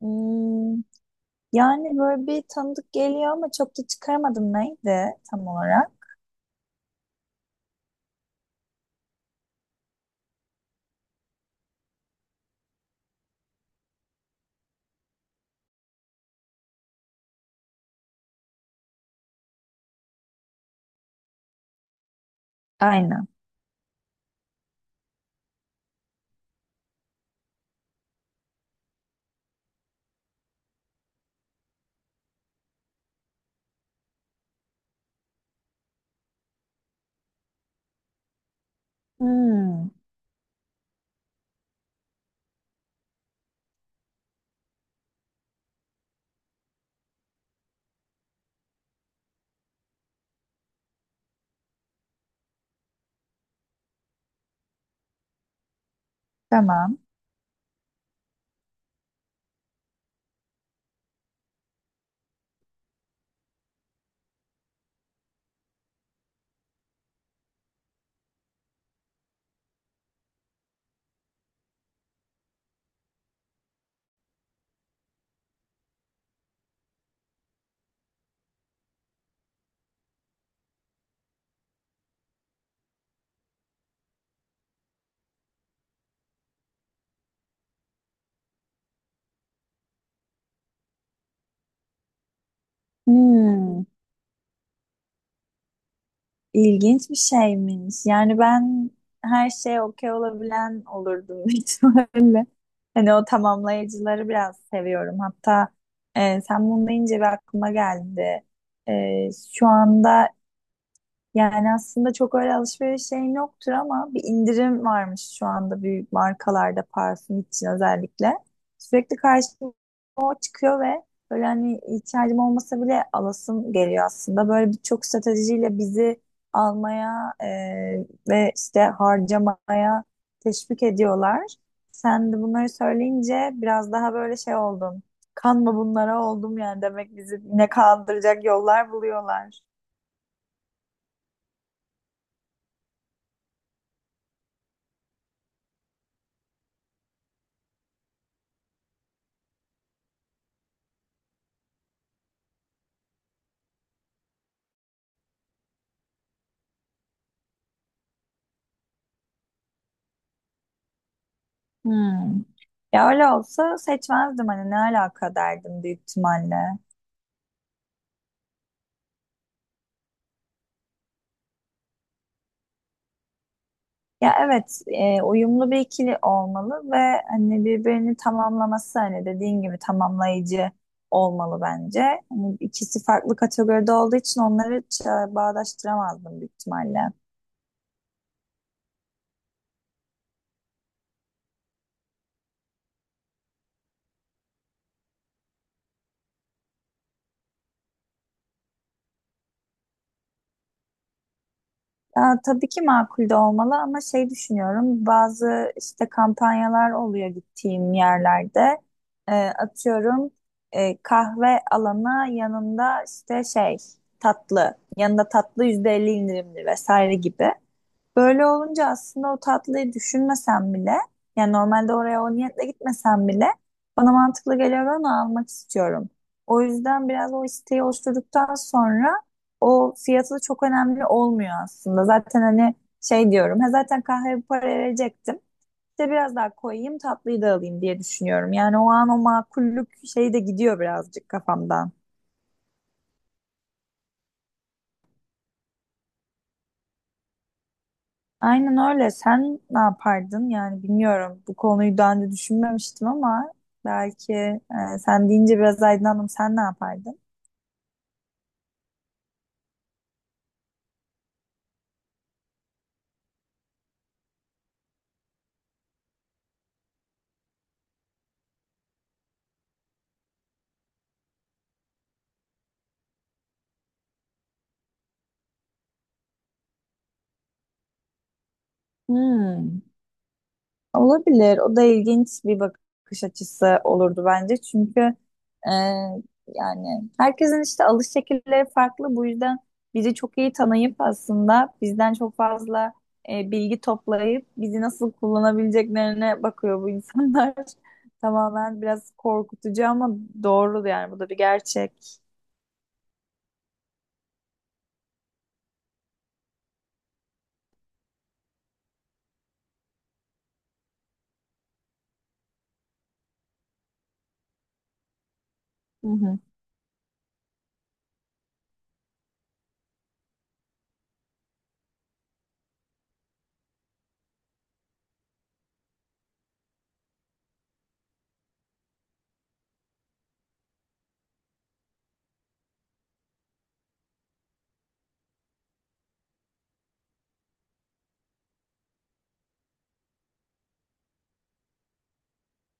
Hmm, yani böyle bir tanıdık geliyor ama çok da çıkaramadım neydi tam olarak. Aynen. Hmm, tamam. Hmm, ilginç bir şeymiş. Yani ben her şeye okey olabilen olurdum ihtimalle. Hani o tamamlayıcıları biraz seviyorum. Hatta sen bunu deyince bir aklıma geldi. E, şu anda Yani aslında çok öyle alışveriş şeyim yoktur ama bir indirim varmış şu anda büyük markalarda parfüm için özellikle. Sürekli karşıma o çıkıyor ve böyle hani ihtiyacım olmasa bile alasım geliyor aslında. Böyle birçok stratejiyle bizi almaya ve işte harcamaya teşvik ediyorlar. Sen de bunları söyleyince biraz daha böyle şey oldum. Kanma bunlara oldum yani demek bizi ne kandıracak yollar buluyorlar. Hmm. Ya öyle olsa seçmezdim, hani ne alaka derdim büyük ihtimalle. Ya evet, uyumlu bir ikili olmalı ve hani birbirini tamamlaması, hani dediğin gibi tamamlayıcı olmalı bence. Hani ikisi farklı kategoride olduğu için onları bağdaştıramazdım büyük ihtimalle. Ya, tabii ki makul de olmalı ama şey düşünüyorum, bazı işte kampanyalar oluyor gittiğim yerlerde. Atıyorum, kahve alana yanında işte şey, tatlı yanında tatlı %50 indirimli vesaire gibi. Böyle olunca aslında o tatlıyı düşünmesem bile, yani normalde oraya o niyetle gitmesem bile bana mantıklı geliyor ve onu almak istiyorum. O yüzden biraz o isteği oluşturduktan sonra o fiyatı da çok önemli olmuyor aslında. Zaten hani şey diyorum, ha zaten kahveye bu paraya verecektim. İşte biraz daha koyayım, tatlıyı da alayım diye düşünüyorum. Yani o an o makullük şeyi de gidiyor birazcık kafamdan. Aynen öyle. Sen ne yapardın? Yani bilmiyorum. Bu konuyu daha önce düşünmemiştim ama belki sen deyince biraz aydınlandım. Sen ne yapardın? Hmm. Olabilir. O da ilginç bir bakış açısı olurdu bence. Çünkü e, yani herkesin işte alış şekilleri farklı. Bu yüzden bizi çok iyi tanıyıp aslında bizden çok fazla bilgi toplayıp bizi nasıl kullanabileceklerine bakıyor bu insanlar. Tamamen biraz korkutucu ama doğru, yani bu da bir gerçek. Hı hı.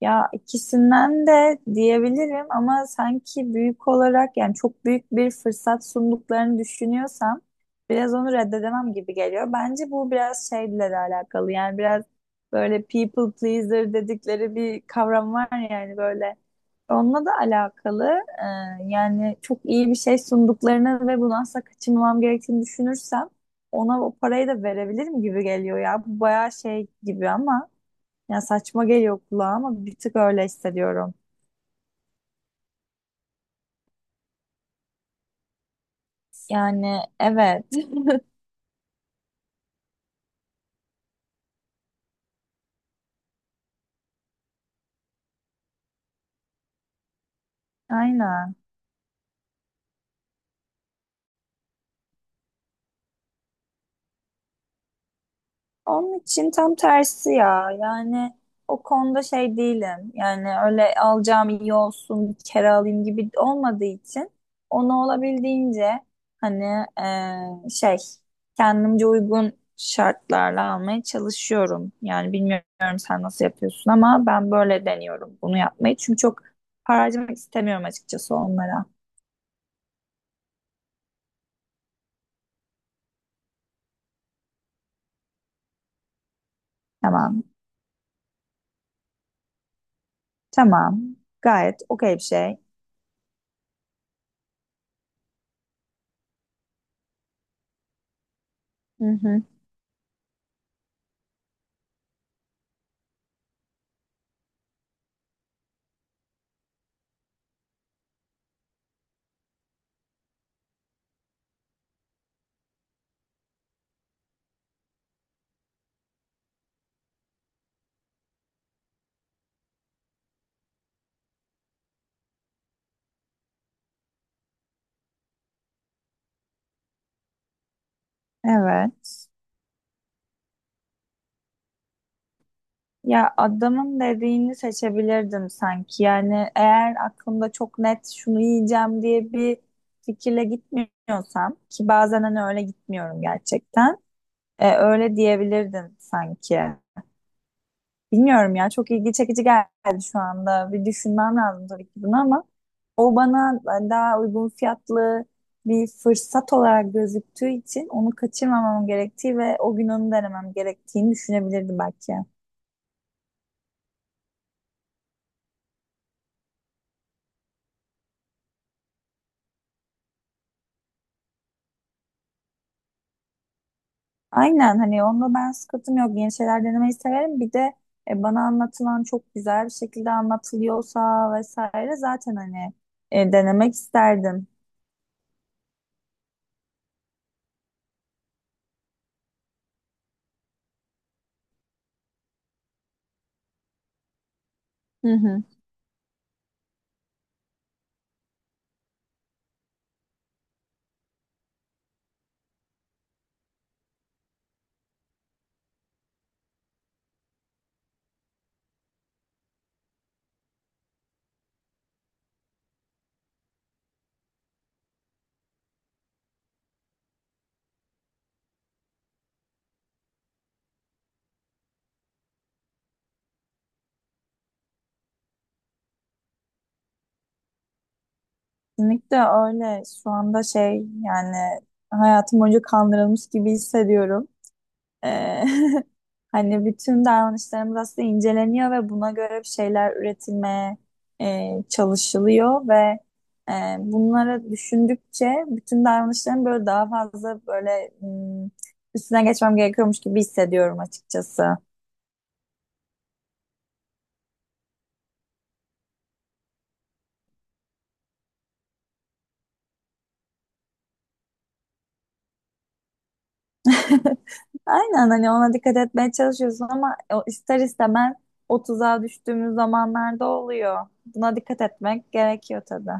Ya ikisinden de diyebilirim ama sanki büyük olarak, yani çok büyük bir fırsat sunduklarını düşünüyorsam biraz onu reddedemem gibi geliyor. Bence bu biraz şeyle de alakalı, yani biraz böyle people pleaser dedikleri bir kavram var, yani böyle onunla da alakalı. Yani çok iyi bir şey sunduklarını ve bunu asla kaçırmamam gerektiğini düşünürsem ona o parayı da verebilirim gibi geliyor ya. Bu bayağı şey gibi ama. Yani saçma geliyor kulağa ama bir tık öyle hissediyorum. Yani evet. Aynen. Onun için tam tersi ya. Yani o konuda şey değilim. Yani öyle alacağım, iyi olsun, bir kere alayım gibi olmadığı için onu olabildiğince hani şey, kendimce uygun şartlarla almaya çalışıyorum. Yani bilmiyorum sen nasıl yapıyorsun ama ben böyle deniyorum bunu yapmayı. Çünkü çok para harcamak istemiyorum açıkçası onlara. Tamam. Tamam. Gayet okey bir şey. Hı hı. Evet. Ya adamın dediğini seçebilirdim sanki. Yani eğer aklımda çok net şunu yiyeceğim diye bir fikirle gitmiyorsam, ki bazen hani öyle gitmiyorum gerçekten. Öyle diyebilirdim sanki. Bilmiyorum ya, çok ilgi çekici geldi şu anda. Bir düşünmem lazım tabii ki bunu ama o bana daha uygun fiyatlı bir fırsat olarak gözüktüğü için onu kaçırmamam gerektiği ve o gün onu denemem gerektiğini düşünebilirdim belki. Aynen, hani onda ben sıkıntım yok. Yeni şeyler denemeyi severim. Bir de bana anlatılan çok güzel bir şekilde anlatılıyorsa vesaire zaten hani denemek isterdim. Hı hı. Kesinlikle öyle. Şu anda şey, yani hayatım boyunca kandırılmış gibi hissediyorum. Ee, Hani bütün davranışlarımız aslında inceleniyor ve buna göre bir şeyler üretilmeye çalışılıyor ve bunları düşündükçe bütün davranışlarım böyle daha fazla böyle hmm, üstüne geçmem gerekiyormuş gibi hissediyorum açıkçası. Aynen, hani ona dikkat etmeye çalışıyorsun ama o ister istemez o tuzağa düştüğümüz zamanlarda oluyor. Buna dikkat etmek gerekiyor tabii.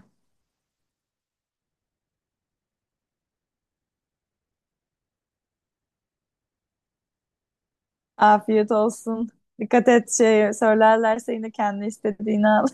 Afiyet olsun. Dikkat et, şey söylerlerse yine kendi istediğini al.